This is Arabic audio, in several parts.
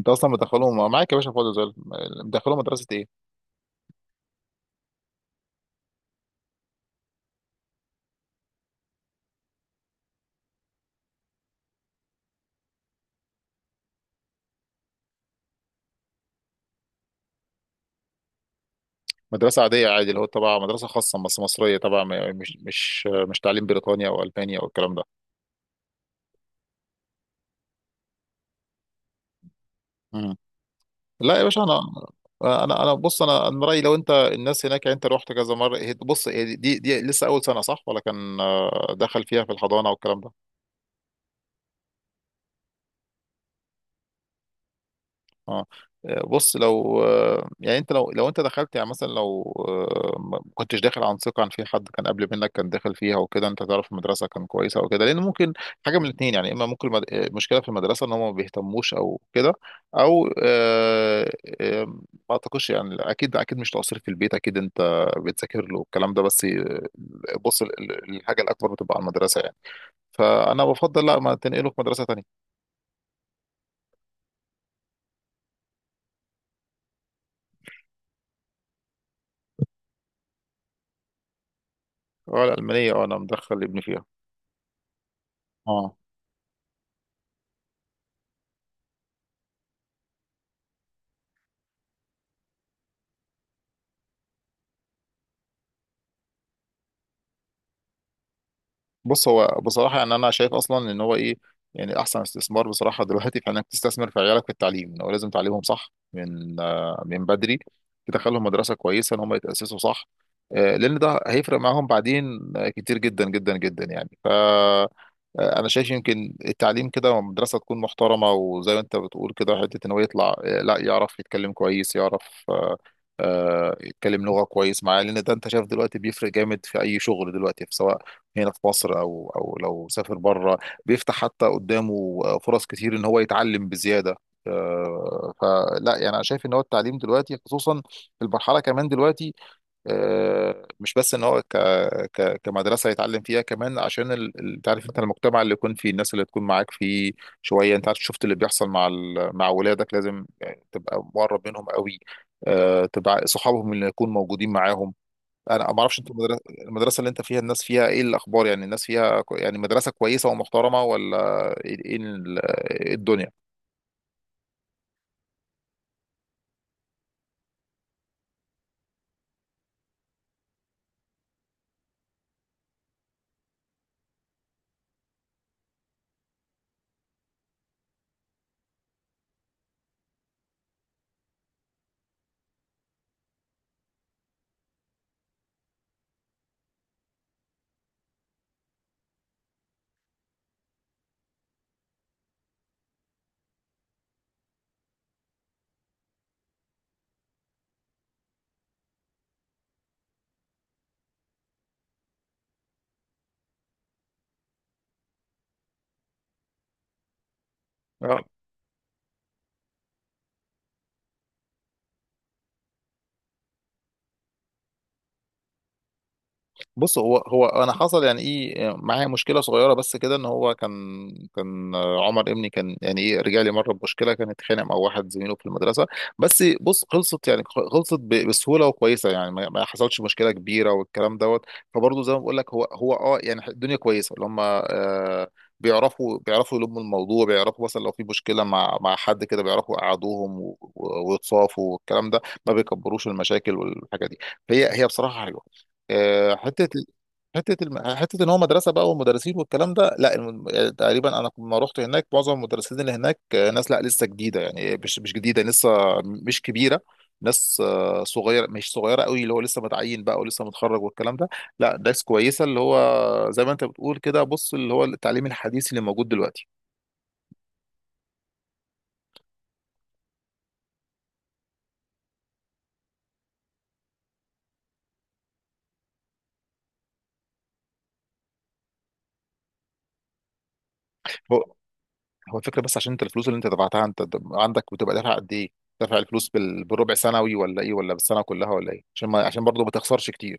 انت اصلا مدخلهم معاك يا باشا فاضي زي الفل. مدخلهم مدرسه ايه؟ مدرسه عاديه عادي اللي هو تبع مدرسه خاصه بس مصريه طبعا مش تعليم بريطانيا او المانيا او الكلام ده. مم. لا يا باشا انا بص انا رايي لو انت الناس هناك، يعني انت رحت كذا مره. بص هي دي لسه اول سنه، صح ولا كان دخل فيها في الحضانه والكلام ده؟ اه بص لو يعني انت لو انت دخلت يعني، مثلا لو ما كنتش داخل عن ثقه، عن في حد كان قبل منك كان داخل فيها وكده، انت تعرف المدرسه كان كويسه او كده، لان ممكن حاجه من الاثنين يعني. اما ممكن المشكله في المدرسه ان هم ما بيهتموش او كده، او آه، آه، ما اعتقدش يعني. اكيد اكيد مش تقصير في البيت، اكيد انت بتذاكر له، الكلام ده بس بص، الحاجه الاكبر بتبقى على المدرسه يعني. فانا بفضل، لا، ما تنقله في مدرسه تانيه. اه، الالمانيه، اه انا مدخل ابني فيها. اه، بص هو بصراحة يعني أنا شايف أصلا إن هو إيه، يعني أحسن استثمار بصراحة دلوقتي، في إنك تستثمر في عيالك في التعليم. إن هو لازم تعليمهم صح من من بدري، تدخلهم مدرسة كويسة، إن هم يتأسسوا صح. لأن ده هيفرق معاهم بعدين كتير جدا جدا جدا يعني. ف انا شايف يمكن التعليم كده، مدرسه تكون محترمه، وزي ما انت بتقول كده، حته ان هو يطلع لا يعرف يتكلم كويس، يعرف يتكلم لغه كويس معاه، لان ده انت شايف دلوقتي بيفرق جامد في اي شغل دلوقتي، سواء هنا في مصر او لو سافر بره، بيفتح حتى قدامه فرص كتير ان هو يتعلم بزياده. فلا يعني، انا شايف ان هو التعليم دلوقتي خصوصا في المرحله كمان دلوقتي، مش بس ان هو ك ك كمدرسه يتعلم فيها، كمان عشان تعرف انت المجتمع اللي يكون فيه، الناس اللي تكون معاك فيه شويه. انت عارف شفت اللي بيحصل، مع مع ولادك لازم يعني تبقى مقرب منهم قوي، تبقى صحابهم اللي يكون موجودين معاهم. انا ما اعرفش انت المدرسه، المدرسة اللي انت فيها الناس فيها ايه الاخبار يعني، الناس فيها يعني مدرسه كويسه ومحترمه ولا ايه؟ إيه إيه الدنيا؟ بص هو انا حصل يعني ايه، معايا مشكله صغيره بس كده، ان هو كان، كان عمر ابني كان يعني ايه، رجع لي مره بمشكله، كان اتخانق مع واحد زميله في المدرسه. بس بص خلصت يعني، خلصت بسهوله وكويسه يعني، ما حصلش مشكله كبيره والكلام دوت. فبرضه زي ما بقول لك، هو اه يعني الدنيا كويسه، اللي هم بيعرفوا يلموا الموضوع، بيعرفوا مثلا لو في مشكله مع حد كده، بيعرفوا يقعدوهم ويتصافوا والكلام ده، ما بيكبروش المشاكل والحاجه دي. فهي بصراحه حلوه. حته، حته الم... حته ان هو مدرسه بقى والمدرسين والكلام ده، لا الم... يعني تقريبا انا لما رحت هناك، معظم المدرسين اللي هناك ناس لا لسه جديده يعني، مش جديده لسه مش كبيره، ناس صغيره، مش صغيره قوي اللي هو لسه متعين بقى ولسه متخرج والكلام ده، لا، ناس كويسه اللي هو زي ما انت بتقول كده، بص، اللي هو التعليم الحديث اللي موجود دلوقتي. هو هو الفكره بس، عشان انت الفلوس اللي انت دفعتها انت عندك، بتبقى دافع قد ايه؟ دافع الفلوس بالربع سنوي ولا ايه، ولا بالسنه كلها ولا ايه؟ عشان برضه ما تخسرش كتير.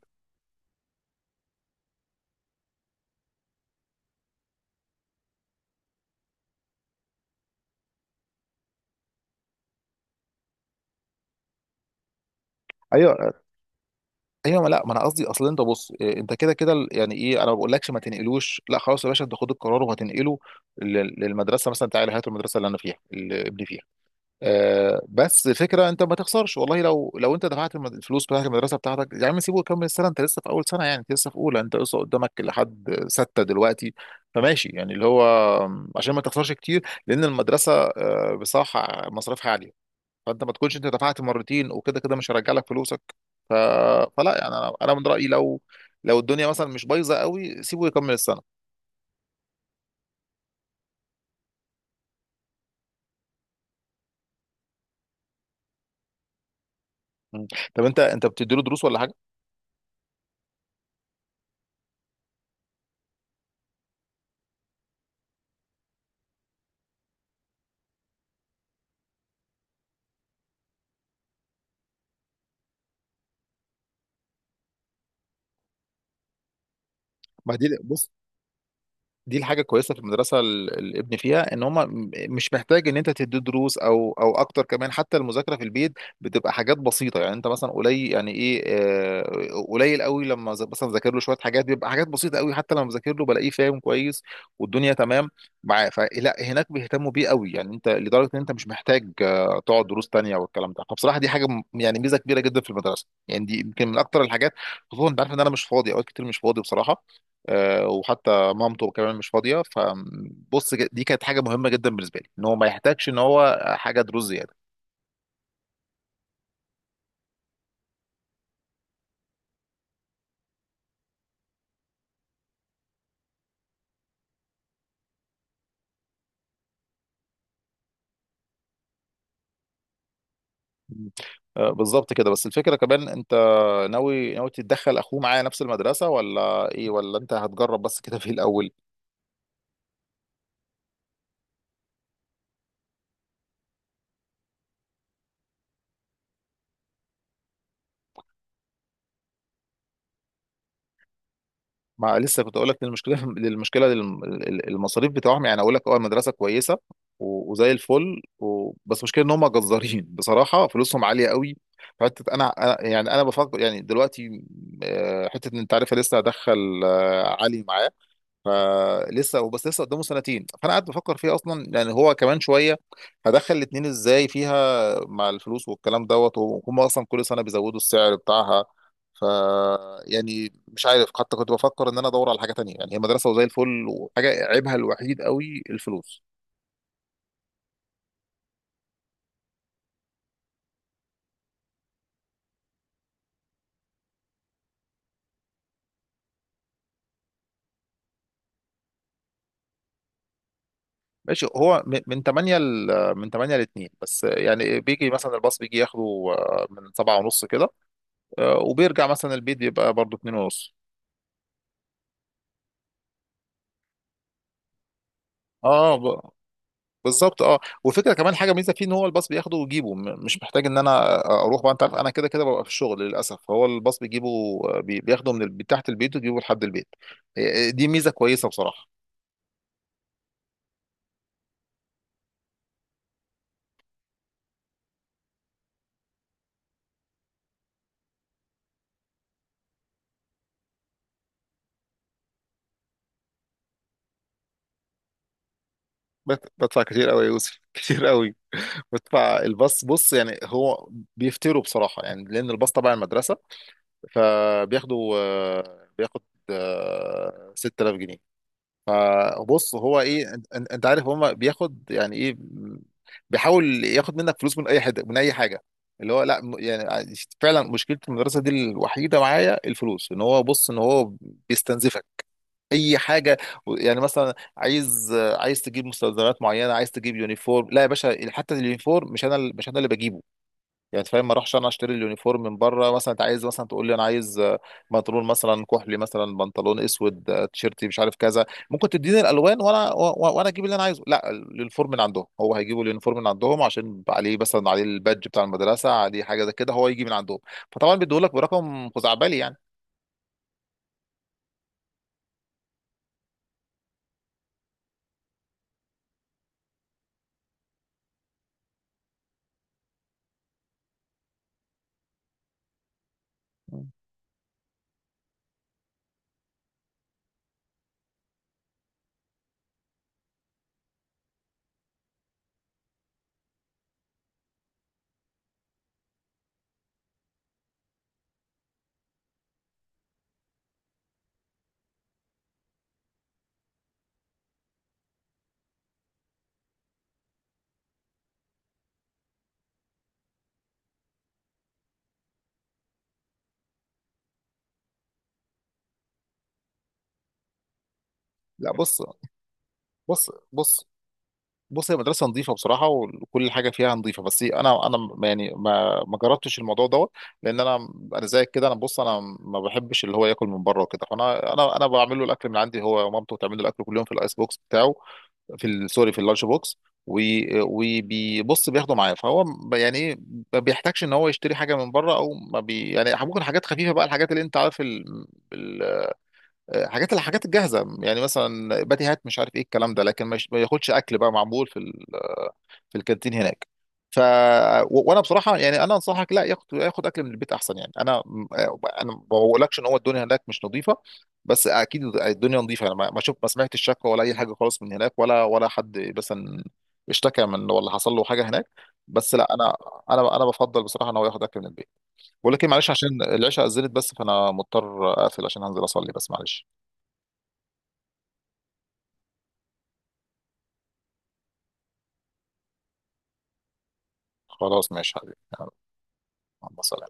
ايوه، ايوه، ما، لا، ما انا قصدي اصل انت بص، إيه، انت كده كده يعني ايه، انا ما بقولكش ما تنقلوش، لا خلاص يا باشا، انت خد القرار وهتنقله للمدرسه مثلا، تعالى هات المدرسه اللي انا فيها، اللي ابني فيها. آه، بس فكره انت ما تخسرش والله، لو انت دفعت الفلوس بتاعت المدرسه بتاعتك يا عم، سيبه يكمل السنه، انت لسه في اول سنه يعني، انت لسه في اولى، انت لسه قدامك لحد سته دلوقتي. فماشي يعني اللي هو، عشان ما تخسرش كتير، لان المدرسه آه، بصراحه مصاريفها، فانت ما تكونش انت دفعت مرتين وكده كده مش هرجع لك فلوسك. ف... فلا يعني، انا من رايي، لو الدنيا مثلا مش بايظه قوي، سيبه يكمل السنه. مم. طب انت بتديله دروس ولا حاجه؟ ما دي بص، دي الحاجه الكويسه في المدرسه الابن فيها، ان هم مش محتاج ان انت تدي دروس او اكتر. كمان حتى المذاكره في البيت بتبقى حاجات بسيطه يعني، انت مثلا قليل يعني ايه، قليل قوي، لما مثلا ذاكر له شويه حاجات، بيبقى حاجات بسيطه قوي، حتى لما بذاكر له بلاقيه فاهم كويس، والدنيا تمام معاه. فلا، هناك بيهتموا بيه قوي يعني، انت لدرجه ان انت مش محتاج تقعد دروس تانيه والكلام ده. فبصراحه دي حاجه يعني ميزه كبيره جدا في المدرسه يعني، دي يمكن من اكتر الحاجات، خصوصا انت عارف ان انا مش فاضي اوقات كتير، مش فاضي بصراحه، وحتى مامته كمان مش فاضيه. فبص، دي كانت حاجه مهمه جدا بالنسبه لي، ان هو ما يحتاجش ان هو حاجه دروس زياده. مم. بالظبط كده. بس الفكره كمان، انت ناوي تتدخل اخوه معايا نفس المدرسه، ولا ايه، ولا انت هتجرب بس كده في الاول؟ ما لسه كنت اقول لك، المشكله المصاريف بتاعهم يعني. اقول لك اه، المدرسه كويسه وزي الفل بس مشكله ان هم جزارين بصراحه، فلوسهم عاليه قوي. حته يعني انا بفكر يعني دلوقتي، حته ان انت عارف لسه هدخل علي معايا، فلسه وبس، لسه قدامه سنتين، فانا قاعد بفكر فيه اصلا يعني. هو كمان شويه هدخل الاتنين ازاي فيها مع الفلوس والكلام دوت، وهم اصلا كل سنه بيزودوا السعر بتاعها. ف يعني مش عارف، حتى كنت بفكر ان انا ادور على حاجه تانية يعني، هي مدرسه وزي الفل، وحاجه عيبها الوحيد قوي الفلوس. ماشي، هو من 8 ل 2 بس يعني، بيجي مثلا الباص بيجي ياخده من 7 ونص كده، وبيرجع مثلا البيت بيبقى برضه 2 ونص. اه بالظبط، اه، والفكره كمان حاجه ميزه فيه، ان هو الباص بياخده ويجيبه، مش محتاج ان انا اروح بقى، انت عارف انا كده كده ببقى في الشغل للاسف، فهو الباص بيجيبه، بياخده من من تحت البيت ويجيبه لحد البيت. إيه، دي ميزه كويسه بصراحه. بدفع كتير قوي يا يوسف كتير قوي. بدفع الباص بص يعني، هو بيفتروا بصراحه يعني، لان الباص تبع المدرسه، فبياخده بياخد 6000 جنيه. فبص هو ايه، انت عارف هما بياخد يعني ايه، بيحاول ياخد منك فلوس من اي حد من اي حاجه، اللي هو لا، يعني فعلا مشكله المدرسه دي الوحيده معايا، الفلوس، ان هو بص ان هو بيستنزفك اي حاجه. يعني مثلا، عايز تجيب مستلزمات معينه، عايز تجيب يونيفورم، لا يا باشا، حتى اليونيفورم مش انا اللي بجيبه يعني، انت فاهم، ما اروحش انا اشتري اليونيفورم من بره مثلا. انت عايز مثلا تقول لي، انا عايز بنطلون مثلا كحلي، مثلا بنطلون اسود، تيشيرتي مش عارف كذا، ممكن تديني الالوان وانا اجيب اللي انا عايزه، لا، اليونيفورم من عندهم، هو هيجيبوا اليونيفورم من عندهم عشان عليه مثلا، عليه البادج بتاع المدرسه، عليه حاجه زي كده، هو يجي من عندهم، فطبعا بيديهولك برقم خزعبلي يعني. لا، بص بص بص بص هي مدرسة نظيفة بصراحة، وكل حاجة فيها نظيفة، بس أنا يعني ما جربتش الموضوع دوت، لأن أنا زيك كده، أنا بص أنا ما بحبش اللي هو ياكل من بره وكده، فأنا أنا أنا بعمل له الأكل من عندي، هو ومامته بتعمل له الأكل كل يوم في الأيس بوكس بتاعه، في سوري في اللانش بوكس، وبيبص بياخده معاه، فهو يعني إيه، ما بيحتاجش إن هو يشتري حاجة من بره، أو ما بي يعني ممكن حاجات خفيفة بقى، الحاجات اللي أنت عارف، الحاجات الجاهزه يعني، مثلا باتيهات مش عارف ايه الكلام ده، لكن مش ما ياخدش اكل بقى معمول في في الكانتين هناك. ف وانا بصراحه يعني انا انصحك، لا، ياخد اكل من البيت احسن يعني. انا ما بقولكش ان هو الدنيا هناك مش نظيفه، بس اكيد الدنيا نظيفه، انا ما سمعتش شكوى ولا اي حاجه خالص من هناك، ولا حد مثلا اشتكى من، ولا حصل له حاجه هناك، بس لا، انا بفضل بصراحه ان هو ياخد اكل من البيت. بقول لك ايه، معلش عشان العشاء اذنت، بس فانا مضطر اقفل عشان هنزل اصلي، بس معلش. خلاص ماشي حبيبي، يلا، مع السلامة.